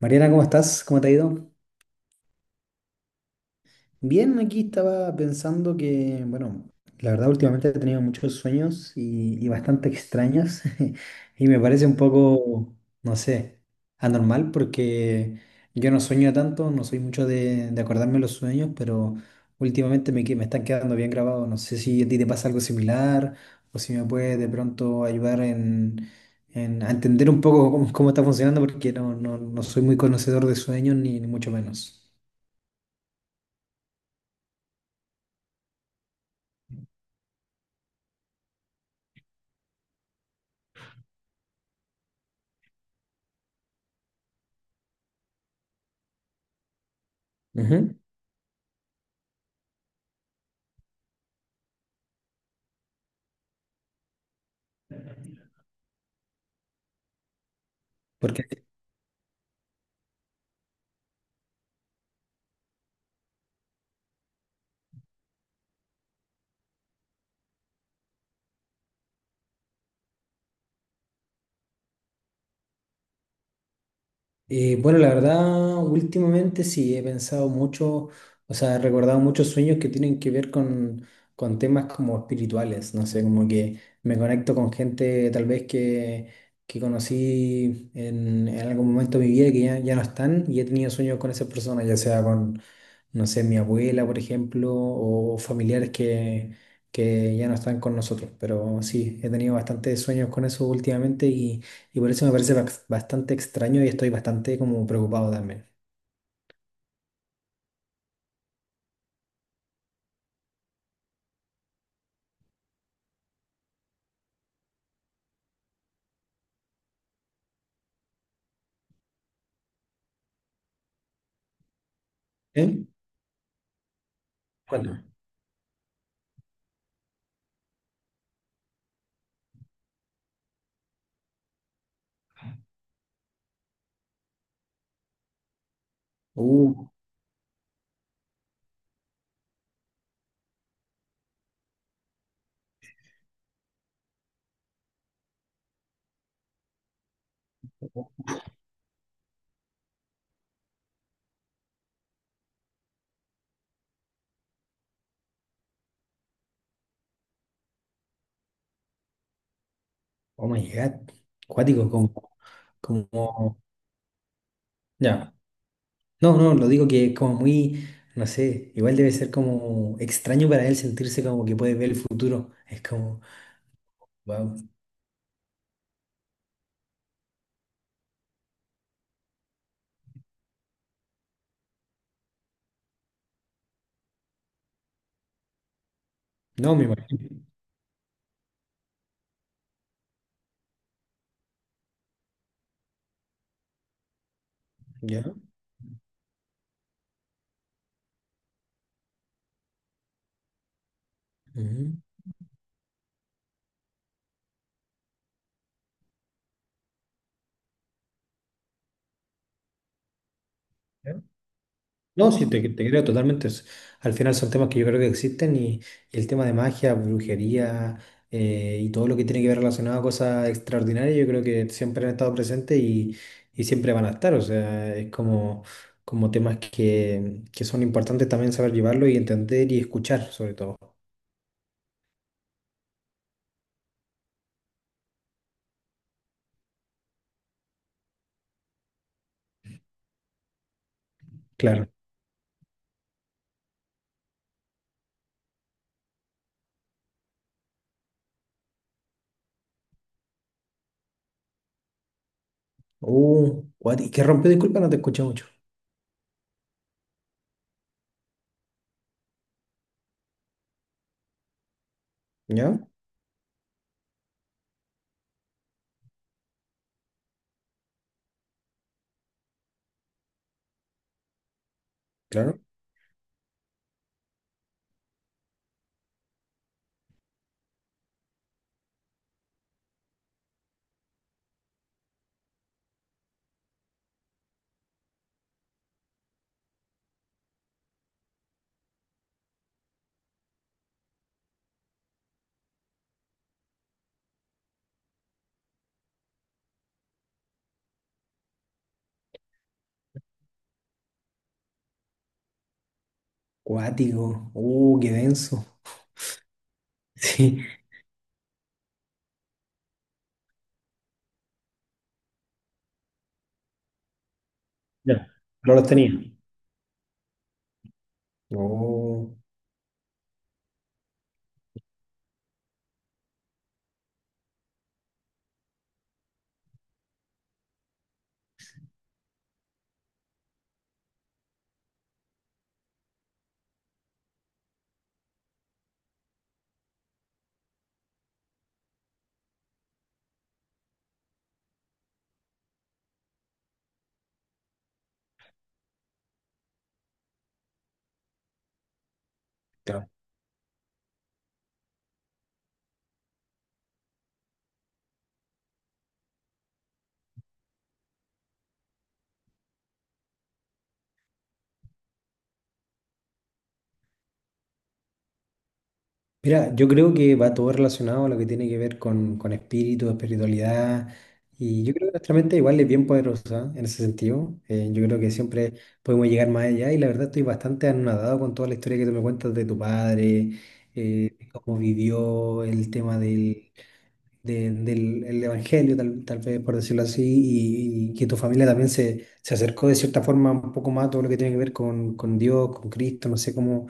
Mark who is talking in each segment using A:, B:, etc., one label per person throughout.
A: Mariana, ¿cómo estás? ¿Cómo te ha ido? Bien, aquí estaba pensando que, bueno, la verdad últimamente he tenido muchos sueños y bastante extraños y me parece un poco, no sé, anormal porque yo no sueño tanto, no soy mucho de acordarme los sueños, pero últimamente me están quedando bien grabados. No sé si a ti te pasa algo similar o si me puedes de pronto ayudar a entender un poco cómo está funcionando porque no soy muy conocedor de sueños ni mucho menos. Ujú. Porque, bueno, la verdad, últimamente sí he pensado mucho, o sea, he recordado muchos sueños que tienen que ver con temas como espirituales, no sé, como que me conecto con gente tal vez que conocí en algún momento de mi vida que ya no están y he tenido sueños con esas personas, ya sea con, no sé, mi abuela, por ejemplo, o familiares que ya no están con nosotros. Pero sí, he tenido bastantes sueños con eso últimamente y por eso me parece bastante extraño y estoy bastante como preocupado también. ¿Eh? ¿Cuándo? Uh, oh my God. Cuático. Como, como, ya. No, no, lo digo que es como muy, no sé, igual debe ser como extraño para él sentirse como que puede ver el futuro. Es como, wow. No, me imagino. ¿Ya? Ujú. No, sí, te creo totalmente. Es... Al final son temas que yo creo que existen y el tema de magia, brujería, y todo lo que tiene que ver relacionado a cosas extraordinarias, yo creo que siempre han estado presentes y siempre van a estar. O sea, es como, como temas que son importantes también saber llevarlo y entender y escuchar, sobre todo. Claro. What, ¿qué rompió? Disculpa, no te escuché mucho. ¿Ya? Claro. Cuático. Qué denso. Sí. Ya. No los tenía. No. Mira, yo creo que va todo relacionado a lo que tiene que ver con espíritu, espiritualidad, y yo creo que nuestra mente igual es bien poderosa en ese sentido. Yo creo que siempre podemos llegar más allá y la verdad estoy bastante anonadado con toda la historia que tú me cuentas de tu padre, eh, cómo vivió el tema del el evangelio, tal vez por decirlo así, y que tu familia también se acercó de cierta forma un poco más a todo lo que tiene que ver con Dios, con Cristo, no sé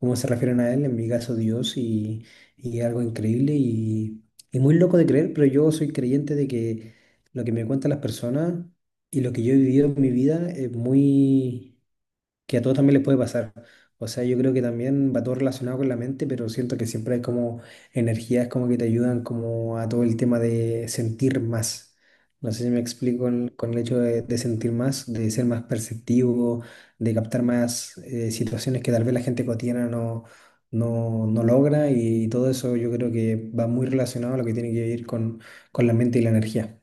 A: cómo se refieren a él, en mi caso Dios, y algo increíble y muy loco de creer, pero yo soy creyente de que lo que me cuentan las personas y lo que yo he vivido en mi vida es muy que a todos también les puede pasar. O sea, yo creo que también va todo relacionado con la mente, pero siento que siempre hay como energías como que te ayudan como a todo el tema de sentir más. No sé si me explico con el hecho de sentir más, de ser más perceptivo, de captar más, situaciones que tal vez la gente cotidiana no logra y, todo eso yo creo que va muy relacionado a lo que tiene que ver con la mente y la energía.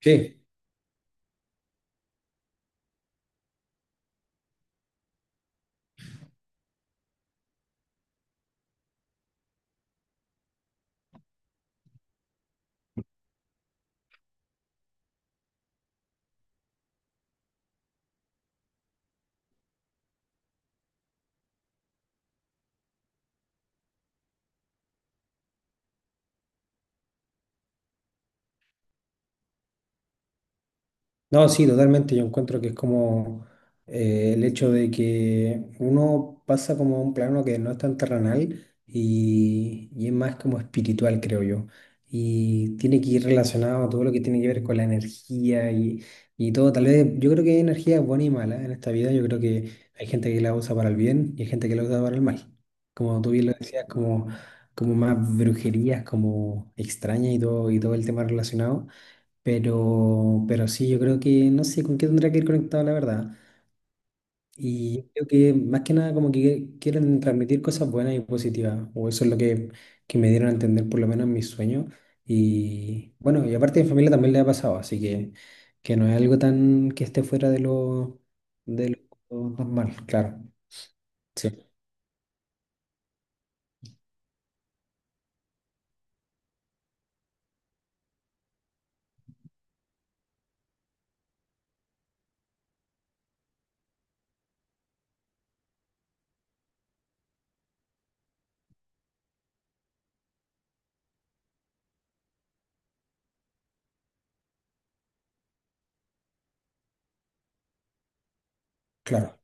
A: Sí. No, sí, totalmente. Yo encuentro que es como, el hecho de que uno pasa como a un plano que no es tan terrenal y es más como espiritual, creo yo. Y tiene que ir relacionado a todo lo que tiene que ver con la energía y todo. Tal vez yo creo que hay energía buena y mala en esta vida. Yo creo que hay gente que la usa para el bien y hay gente que la usa para el mal. Como tú bien lo decías, como, como más brujerías, como extrañas y todo el tema relacionado. Pero sí, yo creo que no sé con qué tendría que ir conectado, la verdad. Y yo creo que más que nada como que quieren transmitir cosas buenas y positivas, o eso es lo que me dieron a entender por lo menos en mis sueños. Y bueno, y aparte mi familia también le ha pasado, así que no es algo tan que esté fuera de lo normal, claro. Sí, claro.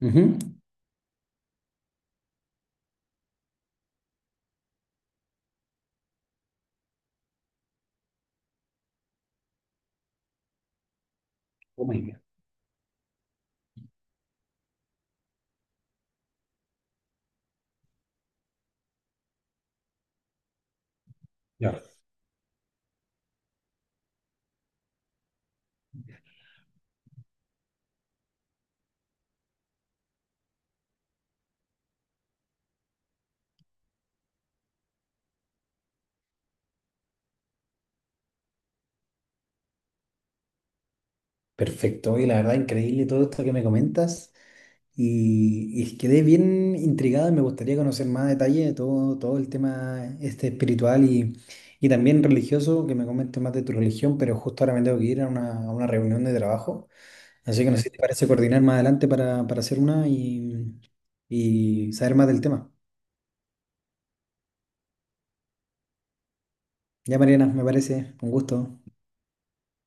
A: Ujú. Oh my God. Ya. Perfecto, y la verdad increíble todo esto que me comentas. Y quedé bien intrigado y me gustaría conocer más detalle de todo, todo el tema este espiritual y también religioso, que me comentes más de tu religión, pero justo ahora me tengo que ir a una reunión de trabajo. Así que no sé si te parece coordinar más adelante para hacer una y saber más del tema. Ya, Mariana, me parece un gusto.